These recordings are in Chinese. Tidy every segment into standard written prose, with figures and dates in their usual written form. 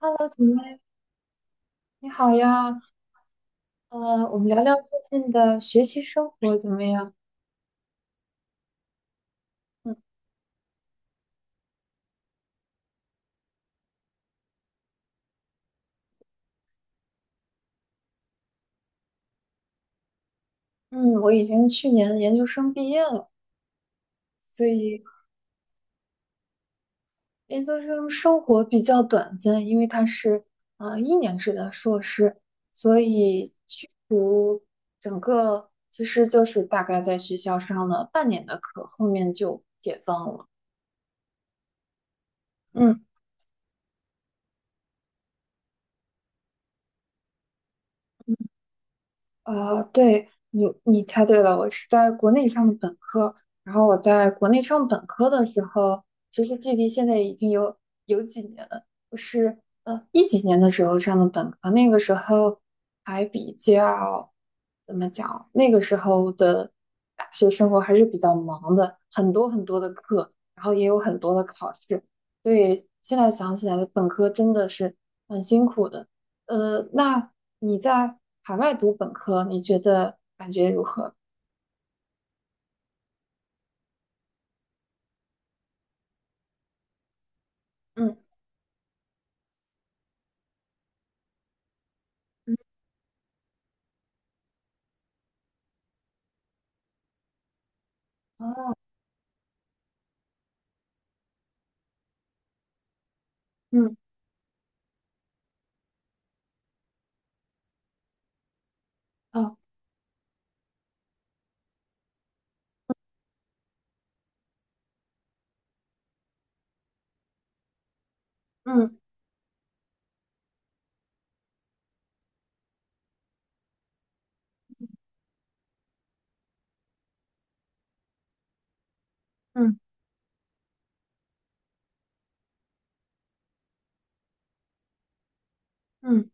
Hello，姐妹，你好呀。呃，我们聊聊最近的学习生活怎么样？嗯嗯，我已经去年研究生毕业了，所以研究生生活比较短暂，因为它是一年制的硕士，所以去读整个其实就是大概在学校上了半年的课，后面就解放了。嗯。啊，对你，猜对了，我是在国内上的本科，然后我在国内上本科的时候，其实距离现在已经有几年了，我是一几年的时候上的本科，那个时候还比较怎么讲，那个时候的大学生活还是比较忙的，很多的课，然后也有很多的考试，所以现在想起来，本科真的是很辛苦的。那你在海外读本科，你觉得感觉如何？嗯嗯嗯哦嗯嗯嗯。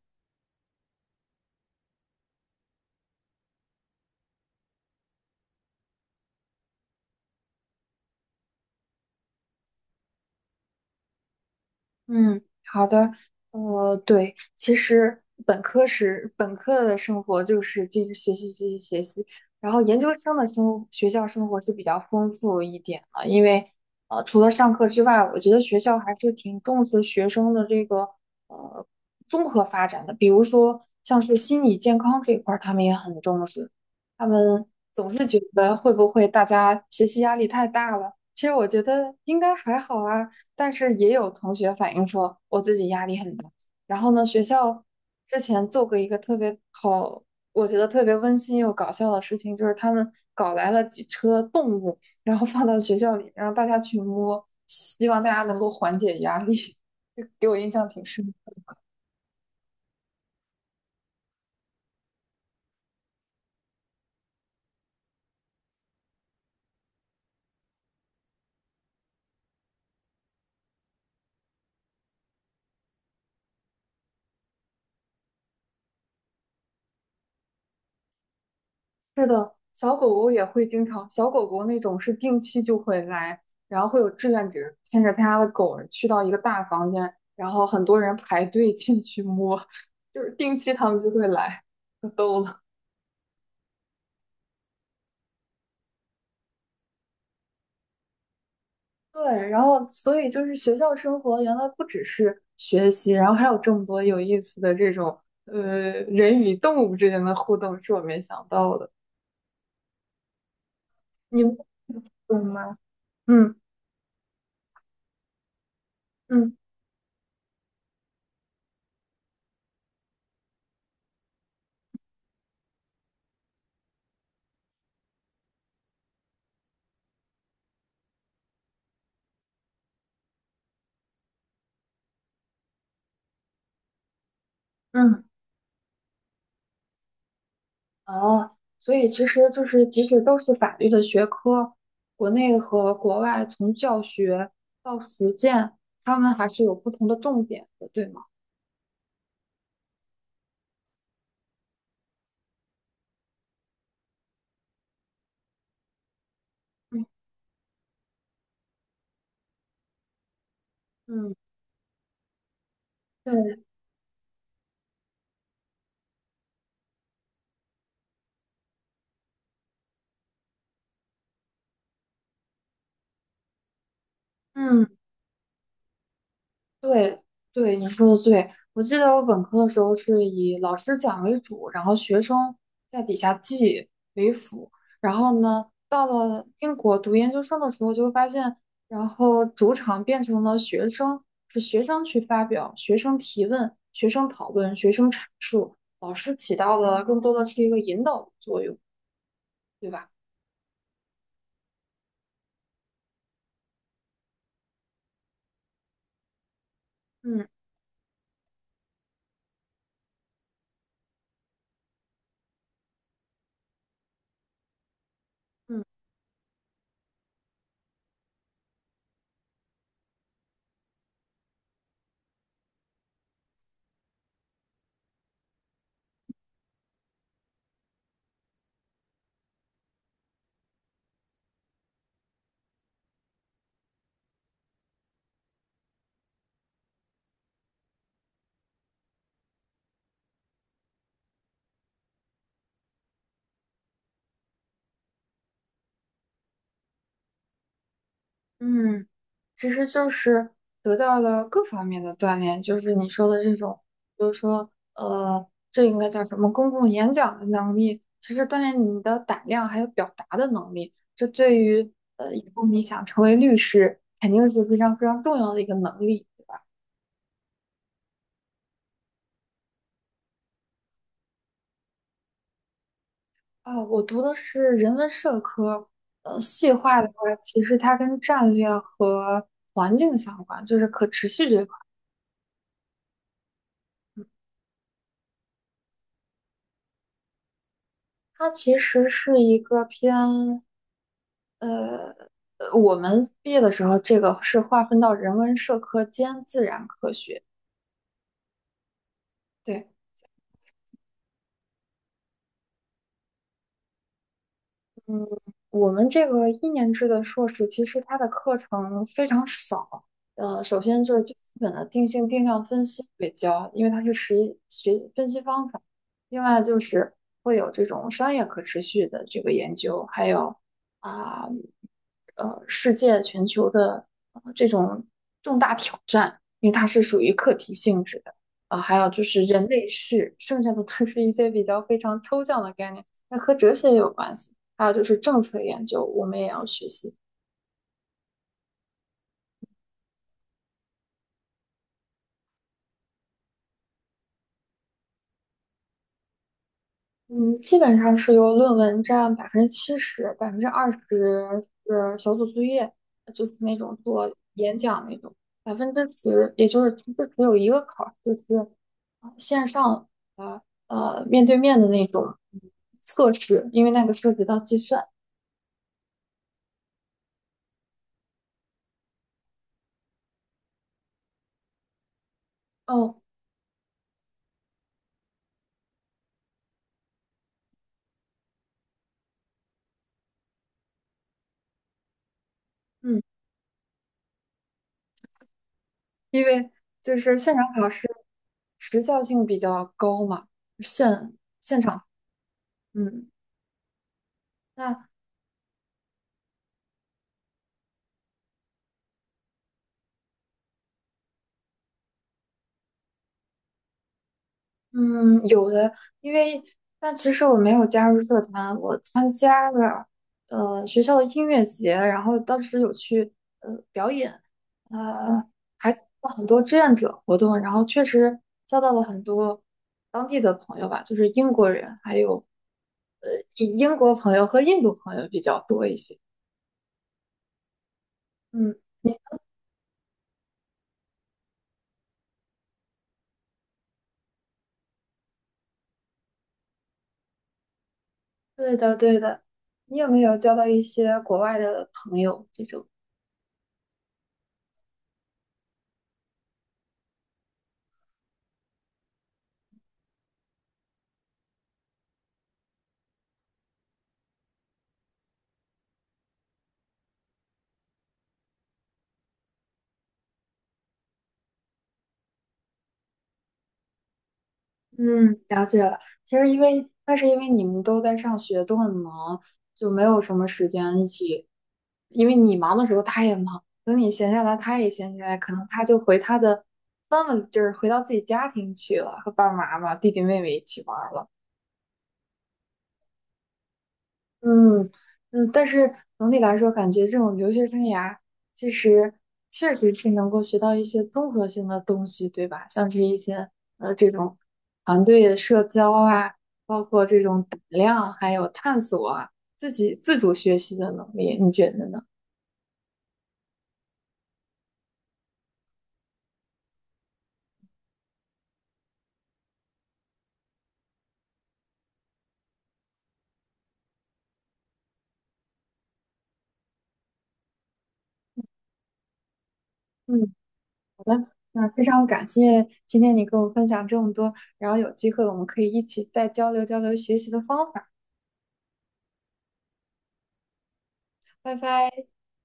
嗯，好的，对，其实本科的生活就是继续学习，继续学习，然后研究生的学校生活是比较丰富一点的，因为除了上课之外，我觉得学校还是挺重视学生的这个呃综合发展的，比如说像是心理健康这一块儿，他们也很重视，他们总是觉得会不会大家学习压力太大了。其实我觉得应该还好啊，但是也有同学反映说我自己压力很大。然后呢，学校之前做过一个特别好，我觉得特别温馨又搞笑的事情，就是他们搞来了几车动物，然后放到学校里，让大家去摸，希望大家能够缓解压力。就给我印象挺深。是的，小狗狗也会经常，小狗狗那种是定期就会来，然后会有志愿者牵着他家的狗去到一个大房间，然后很多人排队进去摸，就是定期他们就会来，可逗了。对，然后所以就是学校生活原来不只是学习，然后还有这么多有意思的这种人与动物之间的互动，是我没想到的。你们有吗？嗯嗯嗯。哦，所以其实就是，即使都是法律的学科，国内和国外从教学到实践，他们还是有不同的重点的，对吗？嗯嗯对，对对，你说的对。我记得我本科的时候是以老师讲为主，然后学生在底下记为辅。然后呢，到了英国读研究生的时候，就会发现，然后主场变成了学生，是学生去发表、学生提问、学生讨论、学生阐述，老师起到了更多的是一个引导的作用，对吧？嗯嗯。嗯，其实就是得到了各方面的锻炼，就是你说的这种，比如说，这应该叫什么公共演讲的能力，其实锻炼你的胆量还有表达的能力，这对于以后你想成为律师，肯定是非常非常重要的一个能力啊。我读的是人文社科，细化的话，其实它跟战略和环境相关，就是可持续这一块儿，它其实是一个偏。我们毕业的时候，这个是划分到人文社科兼自然科学。对，嗯，我们这个一年制的硕士，其实它的课程非常少。首先就是最基本的定性定量分析会教，因为它是实一学分析方法。另外就是会有这种商业可持续的这个研究，还有啊世界全球的、这种重大挑战，因为它是属于课题性质的。啊、还有就是人类世，剩下的都是一些比较非常抽象的概念，那和哲学也有关系。还有就是政策研究，我们也要学习。嗯，基本上是由论文占70%，20%是小组作业，就是那种做演讲那种，10%，也就是其实只有一个考试是线上呃面对面的那种测试，因为那个涉及到计算。哦，嗯，因为就是现场考试时效性比较高嘛，现场。嗯，那嗯，有的，因为但其实我没有加入社团，我参加了学校的音乐节，然后当时有去表演，呃还参加了很多志愿者活动，然后确实交到了很多当地的朋友吧，就是英国人，还有呃以英国朋友和印度朋友比较多一些。嗯，对的对的，你有没有交到一些国外的朋友这种？嗯，了解了。其实因为那是因为你们都在上学，都很忙，就没有什么时间一起。因为你忙的时候，他也忙；等你闲下来，他也闲下来，可能他就回他的，那么就是回到自己家庭去了，和爸爸妈妈、弟弟妹妹一起玩儿了。嗯嗯，但是总体来说，感觉这种留学生涯其实确实是能够学到一些综合性的东西，对吧？像是一些这种团队社交啊，包括这种胆量，还有探索啊，自己自主学习的能力，你觉得呢？嗯，那非常感谢今天你跟我分享这么多，然后有机会我们可以一起再交流交流学习的方法。拜拜。